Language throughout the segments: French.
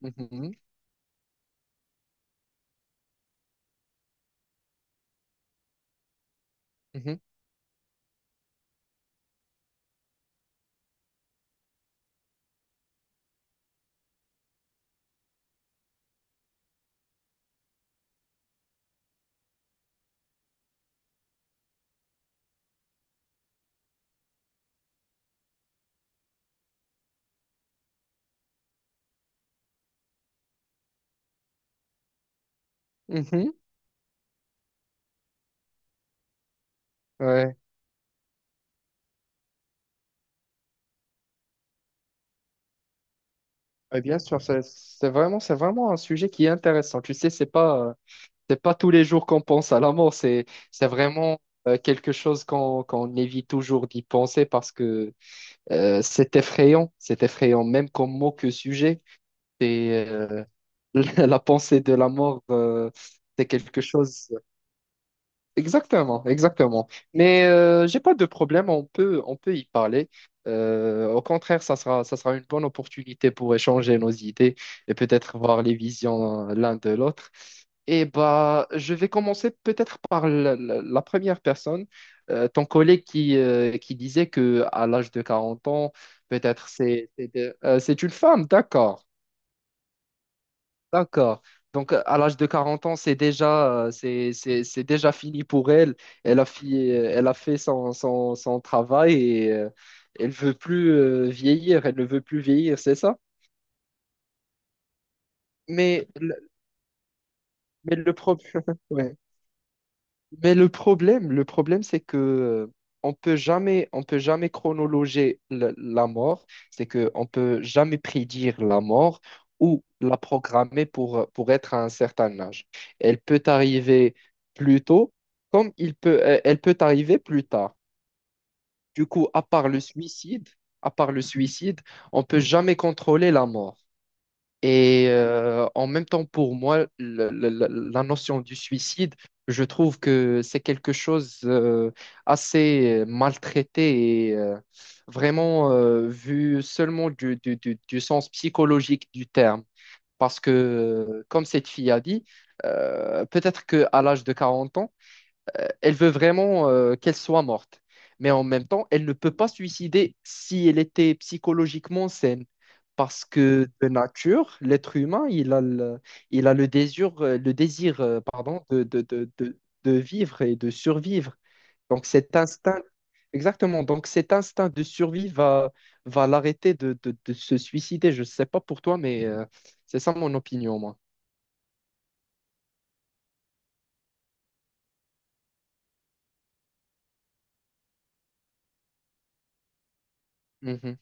Mhm, mhm, mhm. Ouais, Ouais, bien sûr, c'est vraiment, c'est vraiment un sujet qui est intéressant. Tu sais, c'est pas tous les jours qu'on pense à la mort, c'est vraiment quelque chose qu'on évite toujours d'y penser parce que c'est effrayant, même comme mot que sujet. Et la pensée de la mort, c'est quelque chose. Exactement, exactement. Mais j'ai pas de problème, on peut y parler. Au contraire, ça sera une bonne opportunité pour échanger nos idées et peut-être voir les visions l'un de l'autre. Et bah, je vais commencer peut-être par la première personne, ton collègue qui disait que à l'âge de 40 ans, c'est une femme, d'accord. D'accord. Donc, à l'âge de 40 ans, c'est déjà, c'est déjà fini pour elle. Elle a, elle a fait son travail et elle veut plus vieillir. Elle ne veut plus vieillir, c'est ça? Mais, le- mais le problème, Mais le problème, c'est que on peut jamais chronologer la mort. C'est que on peut jamais prédire la mort ou la programmer pour être à un certain âge. Elle peut arriver plus tôt, elle peut arriver plus tard. Du coup, à part le suicide, à part le suicide, on peut jamais contrôler la mort. Et en même temps, pour moi, la notion du suicide, je trouve que c'est quelque chose assez maltraité et vraiment vu seulement du sens psychologique du terme. Parce que, comme cette fille a dit, peut-être qu'à l'âge de 40 ans, elle veut vraiment qu'elle soit morte. Mais en même temps, elle ne peut pas se suicider si elle était psychologiquement saine. Parce que de nature, l'être humain, il a le désir, pardon, de vivre et de survivre. Donc cet instinct, exactement, donc cet instinct de survie va l'arrêter de se suicider. Je ne sais pas pour toi, mais c'est ça mon opinion, moi. Mhm.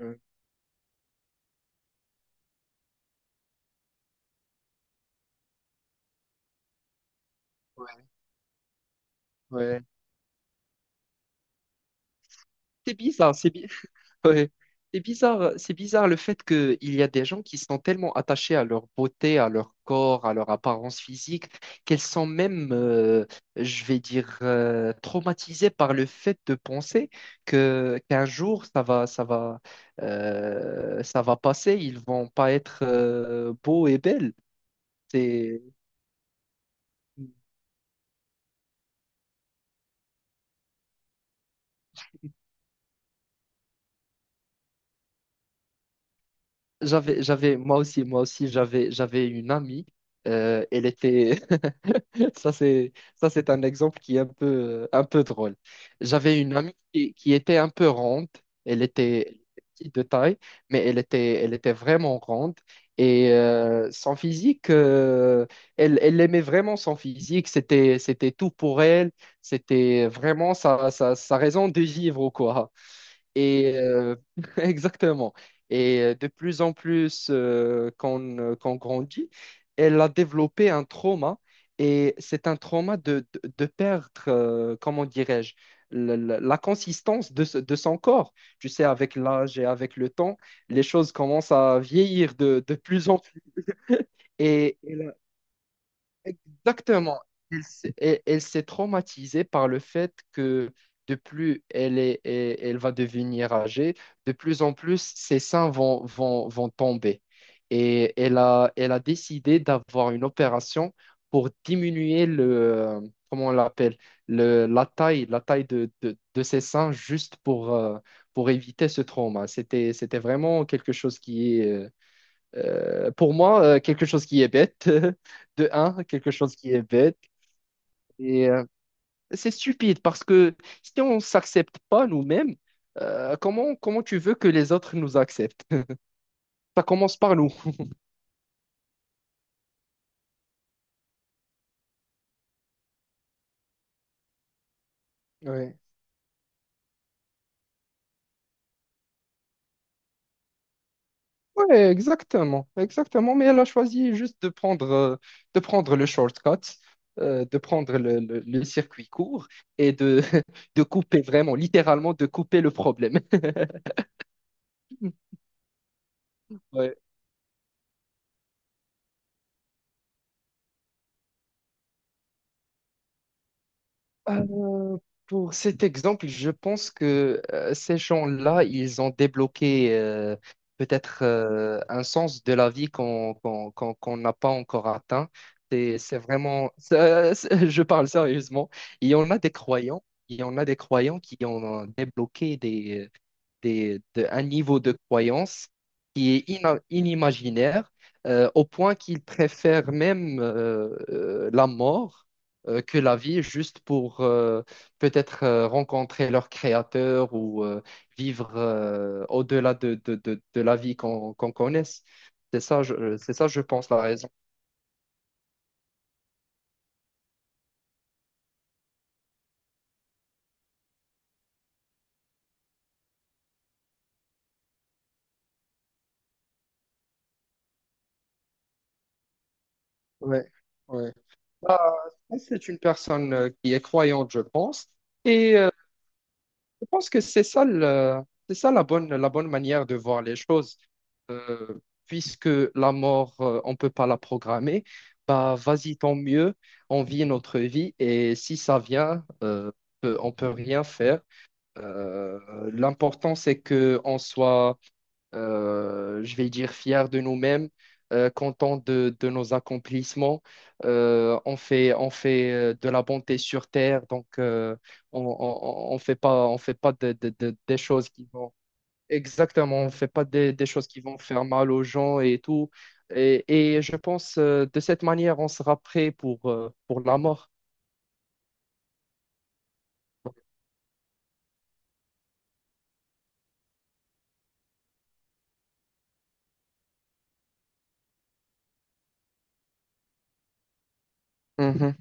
Ouais. Ouais. C'est bizarre, c'est bi- Ouais. C'est bizarre le fait qu'il y a des gens qui sont tellement attachés à leur beauté, à leur corps, à leur apparence physique, qu'elles sont même, je vais dire, traumatisées par le fait de penser que qu'un jour ça va passer, ils vont pas être beaux et belles. C'est, j'avais, moi aussi, j'avais une amie. euh, elle était, ça, c'est un exemple qui est un peu drôle. J'avais une amie qui était un peu ronde. Elle était, elle était petite de taille, mais elle était vraiment ronde. Et son physique, elle aimait vraiment son physique. C'était tout pour elle. C'était vraiment sa raison de vivre, quoi. Et exactement. Et de plus en plus qu'on grandit, elle a développé un trauma. Et c'est un trauma de perdre, comment dirais-je, la consistance de son corps. Tu sais, avec l'âge et avec le temps, les choses commencent à vieillir de plus en plus. Et Exactement. Elle s'est traumatisée par le fait que de plus elle va devenir âgée, de plus en plus ses seins vont tomber. Et elle a décidé d'avoir une opération pour diminuer comment on l'appelle, la taille de ses seins juste pour éviter ce trauma. C'était vraiment quelque chose qui est, pour moi, quelque chose qui est bête, de un, quelque chose qui est bête, et c'est stupide parce que si on ne s'accepte pas nous-mêmes, comment, comment tu veux que les autres nous acceptent? Ça commence par nous. Ouais. Ouais, exactement, exactement. Mais elle a choisi juste de prendre le shortcut, de prendre le circuit court et de couper vraiment, littéralement, de couper le problème. Euh, pour cet exemple, je pense que ces gens-là, ils ont débloqué peut-être un sens de la vie qu'on n'a pas encore atteint. C'est, je parle sérieusement. Il y en a des croyants, il y en a des croyants qui ont débloqué un niveau de croyance qui est inimaginaire, au point qu'ils préfèrent même la mort que la vie, juste pour peut-être rencontrer leur créateur ou vivre au-delà de la vie qu'on connaisse. C'est ça, c'est ça, je pense, la raison. Ouais, ouais. Bah, c'est une personne qui est croyante, je pense. Et Je pense que c'est ça, le- c'est ça la bonne manière de voir les choses. Euh, puisque la mort, on ne peut pas la programmer, bah vas-y, tant mieux, on vit notre vie et si ça vient, on peut rien faire. Euh, l'important, c'est qu'on soit je vais dire fiers de nous-mêmes, contents de nos accomplissements. On fait de la bonté sur terre, donc on fait pas des choses qui vont... Exactement, on fait pas des choses qui vont faire mal aux gens et tout. Et, et je pense de cette manière, on sera prêt pour la mort. Mhm.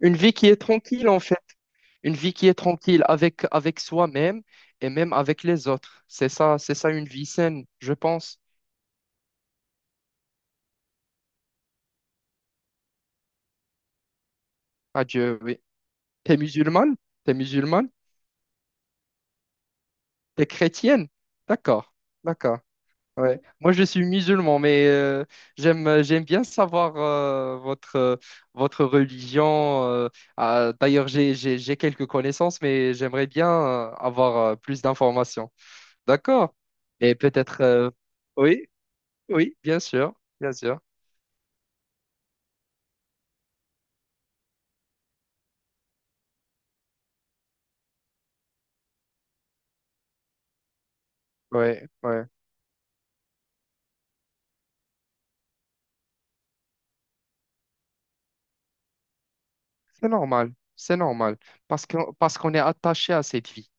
Une vie qui est tranquille, en fait. Une vie qui est tranquille avec, avec soi-même et même avec les autres. C'est ça une vie saine, je pense. Adieu oui. T'es musulmane? T'es musulmane? T'es chrétienne? D'accord, d'accord. Ouais. Moi, je suis musulman, mais j'aime bien savoir votre religion. Ah, d'ailleurs, j'ai quelques connaissances, mais j'aimerais bien avoir plus d'informations. D'accord. Et peut-être... Oui, oui, bien sûr, bien sûr. Oui, c'est normal, parce que, parce qu'on est attaché à cette vie.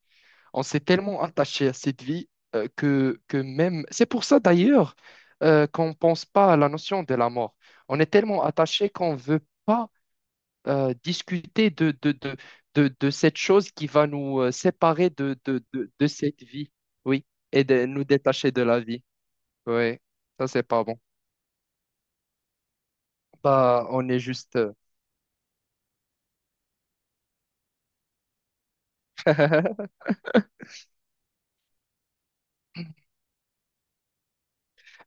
On s'est tellement attaché à cette vie que même... C'est pour ça d'ailleurs qu'on ne pense pas à la notion de la mort. On est tellement attaché qu'on ne veut pas discuter de cette chose qui va nous séparer de cette vie, oui, et de nous détacher de la vie. Oui, ça, c'est pas bon. Bah, on est juste... euh,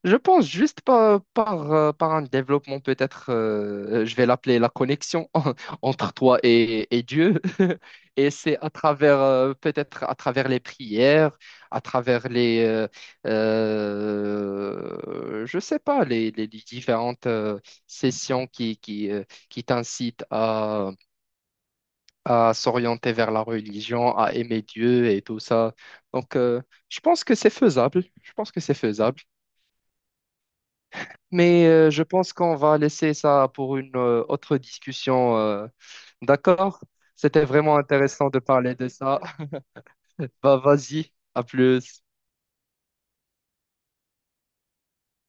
Je pense juste par un développement, peut-être, je vais l'appeler la connexion entre toi et Dieu. Et c'est à travers, peut-être à travers les prières, à travers je sais pas, les différentes sessions qui t'incitent à s'orienter vers la religion, à aimer Dieu et tout ça. Donc, je pense que c'est faisable. Je pense que c'est faisable. Mais je pense qu'on va laisser ça pour une autre discussion. D'accord? C'était vraiment intéressant de parler de ça. Bah, vas-y, à plus.